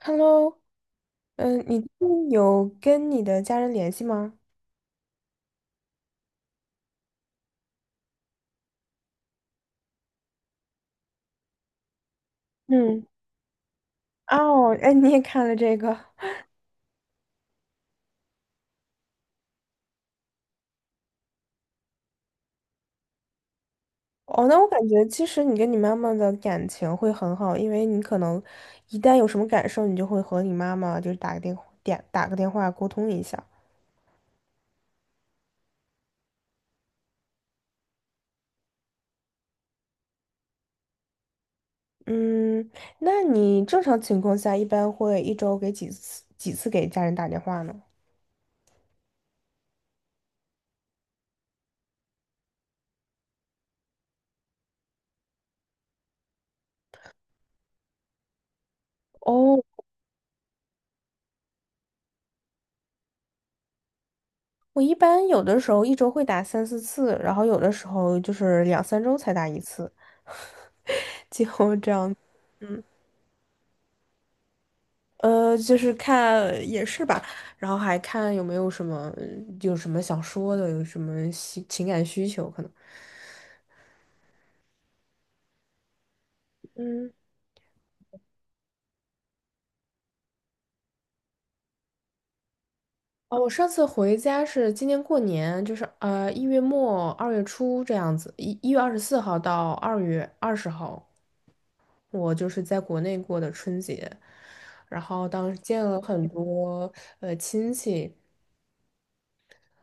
Hello,你最近有跟你的家人联系吗？嗯。哦，哎，你也看了这个。哦，那我感觉其实你跟你妈妈的感情会很好，因为你可能一旦有什么感受，你就会和你妈妈就是打个电话沟通一下。嗯，那你正常情况下一般会一周给几次给家人打电话呢？哦，我一般有的时候一周会打3、4次，然后有的时候就是2、3周才打一次。这样。就是看也是吧，然后还看有没有什么有什么想说的，有什么情感需求可能。嗯。哦，我上次回家是今年过年，就是1月末2月初这样子，一月24号到2月20号，我就是在国内过的春节，然后当时见了很多亲戚。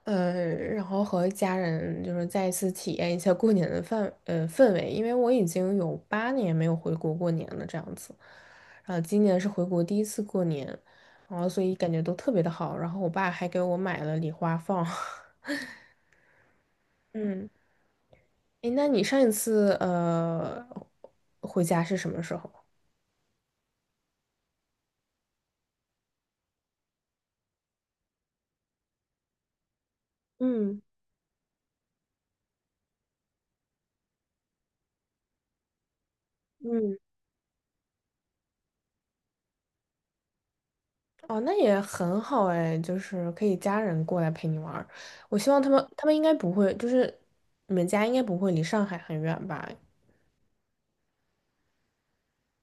然后和家人就是再一次体验一下过年的氛围，因为我已经有8年没有回国过年了这样子，然后今年是回国第一次过年，然后所以感觉都特别的好，然后我爸还给我买了礼花放。嗯，诶，那你上一次回家是什么时候？嗯嗯。哦，那也很好哎，就是可以家人过来陪你玩儿。我希望他们，他们应该不会，就是你们家应该不会离上海很远吧？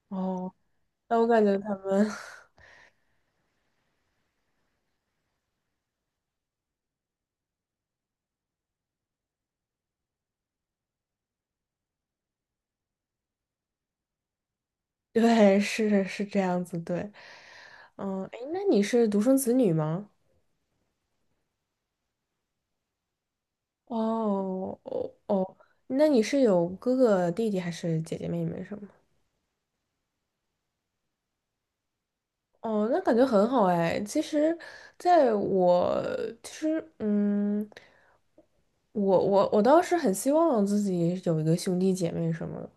哦，那我感觉他们。对，是这样子，对。嗯，哎，那你是独生子女吗？哦哦哦，那你是有哥哥弟弟还是姐姐妹妹什么？哦，那感觉很好哎。其实，在我其实，我倒是很希望自己有一个兄弟姐妹什么的。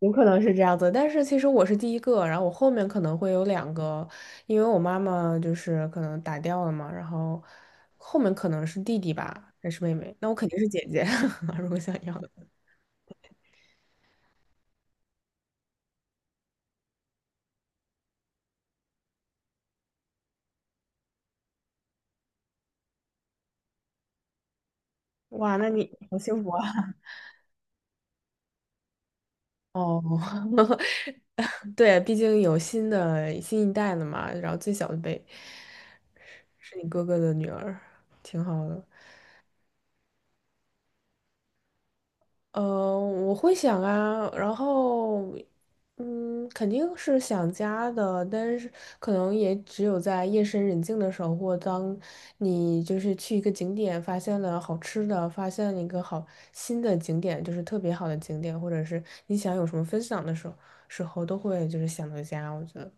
有可能是这样子。但是其实我是第一个，然后我后面可能会有两个，因为我妈妈就是可能打掉了嘛，然后后面可能是弟弟吧，还是妹妹？那我肯定是姐姐，如果想要的。哇，那你好幸福啊！哦。对，毕竟有新一代了嘛，然后最小的辈是你哥哥的女儿，挺好的。我会想啊，然后，肯定是想家的，但是可能也只有在夜深人静的时候，或当你就是去一个景点，发现了好吃的，发现了一个好新的景点，就是特别好的景点，或者是你想有什么分享的时候，时候都会就是想到家，我觉得。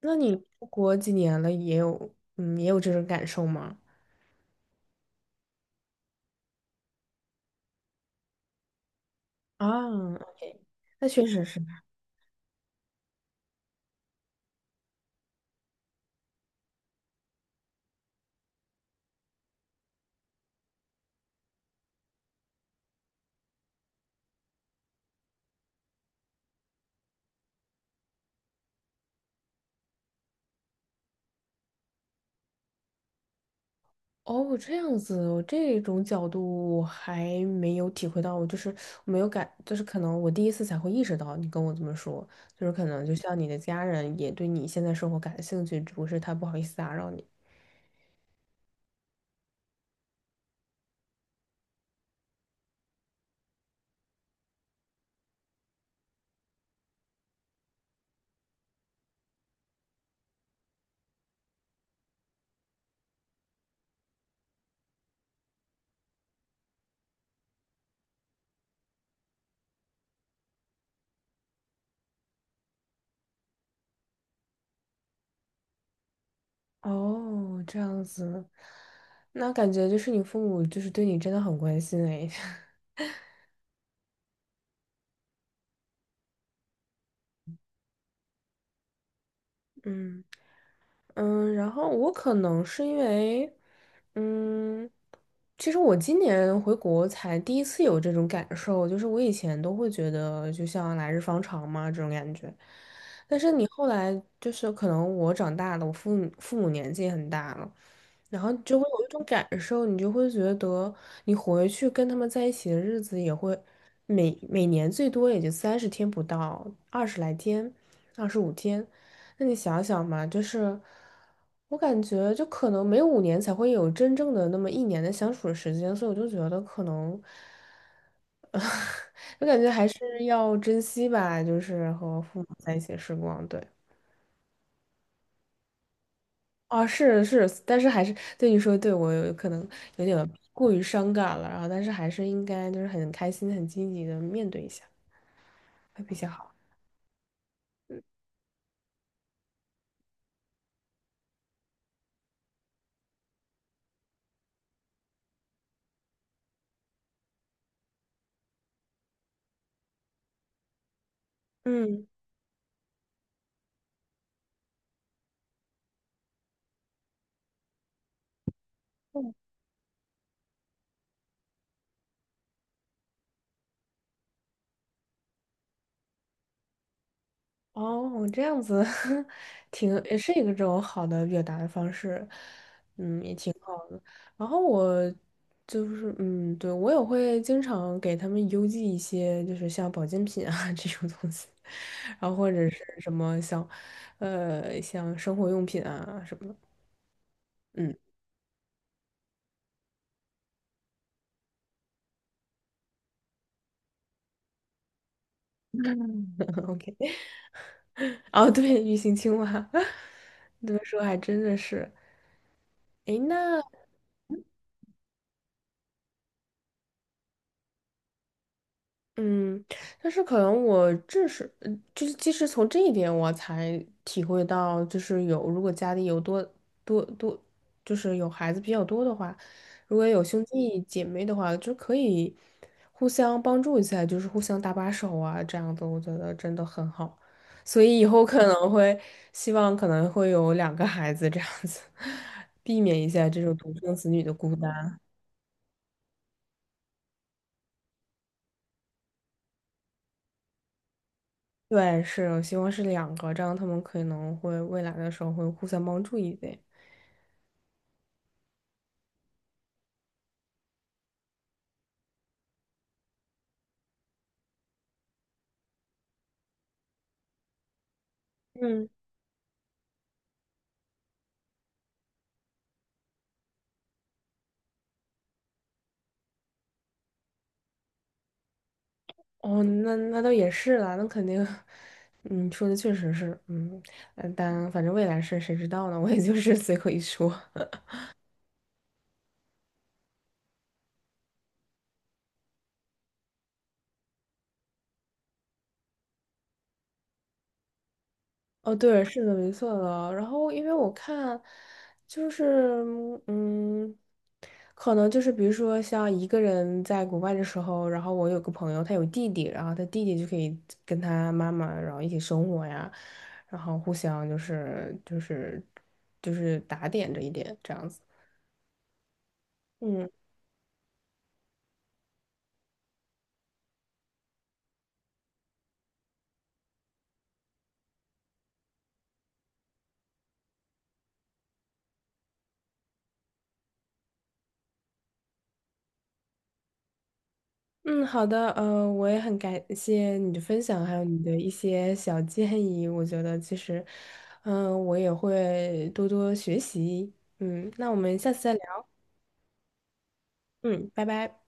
那你出国几年了，也有也有这种感受吗？啊，OK，那确实是。哦，这样子，我这种角度我还没有体会到，我就是没有感，就是可能我第一次才会意识到你跟我这么说，就是可能就像你的家人也对你现在生活感兴趣，只不过是他不好意思打扰你。哦，这样子，那感觉就是你父母就是对你真的很关心哎。嗯。然后我可能是因为，嗯，其实我今年回国才第一次有这种感受，就是我以前都会觉得就像来日方长嘛这种感觉，但是你后来就是可能我长大了，我父母年纪也很大了，然后就会有一种感受，你就会觉得你回去跟他们在一起的日子也会每年最多也就30天不到，20来天，25天。那你想想嘛，就是我感觉就可能每5年才会有真正的那么1年的相处的时间，所以我就觉得可能，我感觉还是要珍惜吧，就是和父母在一起的时光。对。啊，是是，但是还是对你说，对我有可能有点过于伤感了，然后但是还是应该就是很开心、很积极的面对一下，会比较好。嗯。哦，这样子。 挺也是一个这种好的表达的方式，嗯，也挺好的。然后我就是，对，我也会经常给他们邮寄一些，就是像保健品啊 这种东西，然后或者是什么像，像生活用品啊什么的。嗯。 ，OK。哦，对，鱼形青蛙，你这么说还真的是。诶，那。嗯，但是可能我这是，就是即使从这一点，我才体会到，就是有如果家里有多，就是有孩子比较多的话，如果有兄弟姐妹的话，就可以互相帮助一下，就是互相搭把手啊，这样子我觉得真的很好。所以以后可能会希望可能会有2个孩子这样子，避免一下这种独生子女的孤单。对，是，我希望是两个，这样他们可能会未来的时候会互相帮助一点。嗯。哦，那倒也是啦，那肯定。嗯，说的确实是，嗯，但反正未来事谁知道呢？我也就是随口一说。哦，对，是的，没错的。然后，因为我看，就是嗯，可能就是比如说像一个人在国外的时候，然后我有个朋友，他有弟弟，然后他弟弟就可以跟他妈妈，然后一起生活呀，然后互相就是打点着一点这样子。嗯。嗯，好的，我也很感谢你的分享，还有你的一些小建议。我觉得其实，我也会多多学习。嗯，那我们下次再聊。嗯，拜拜。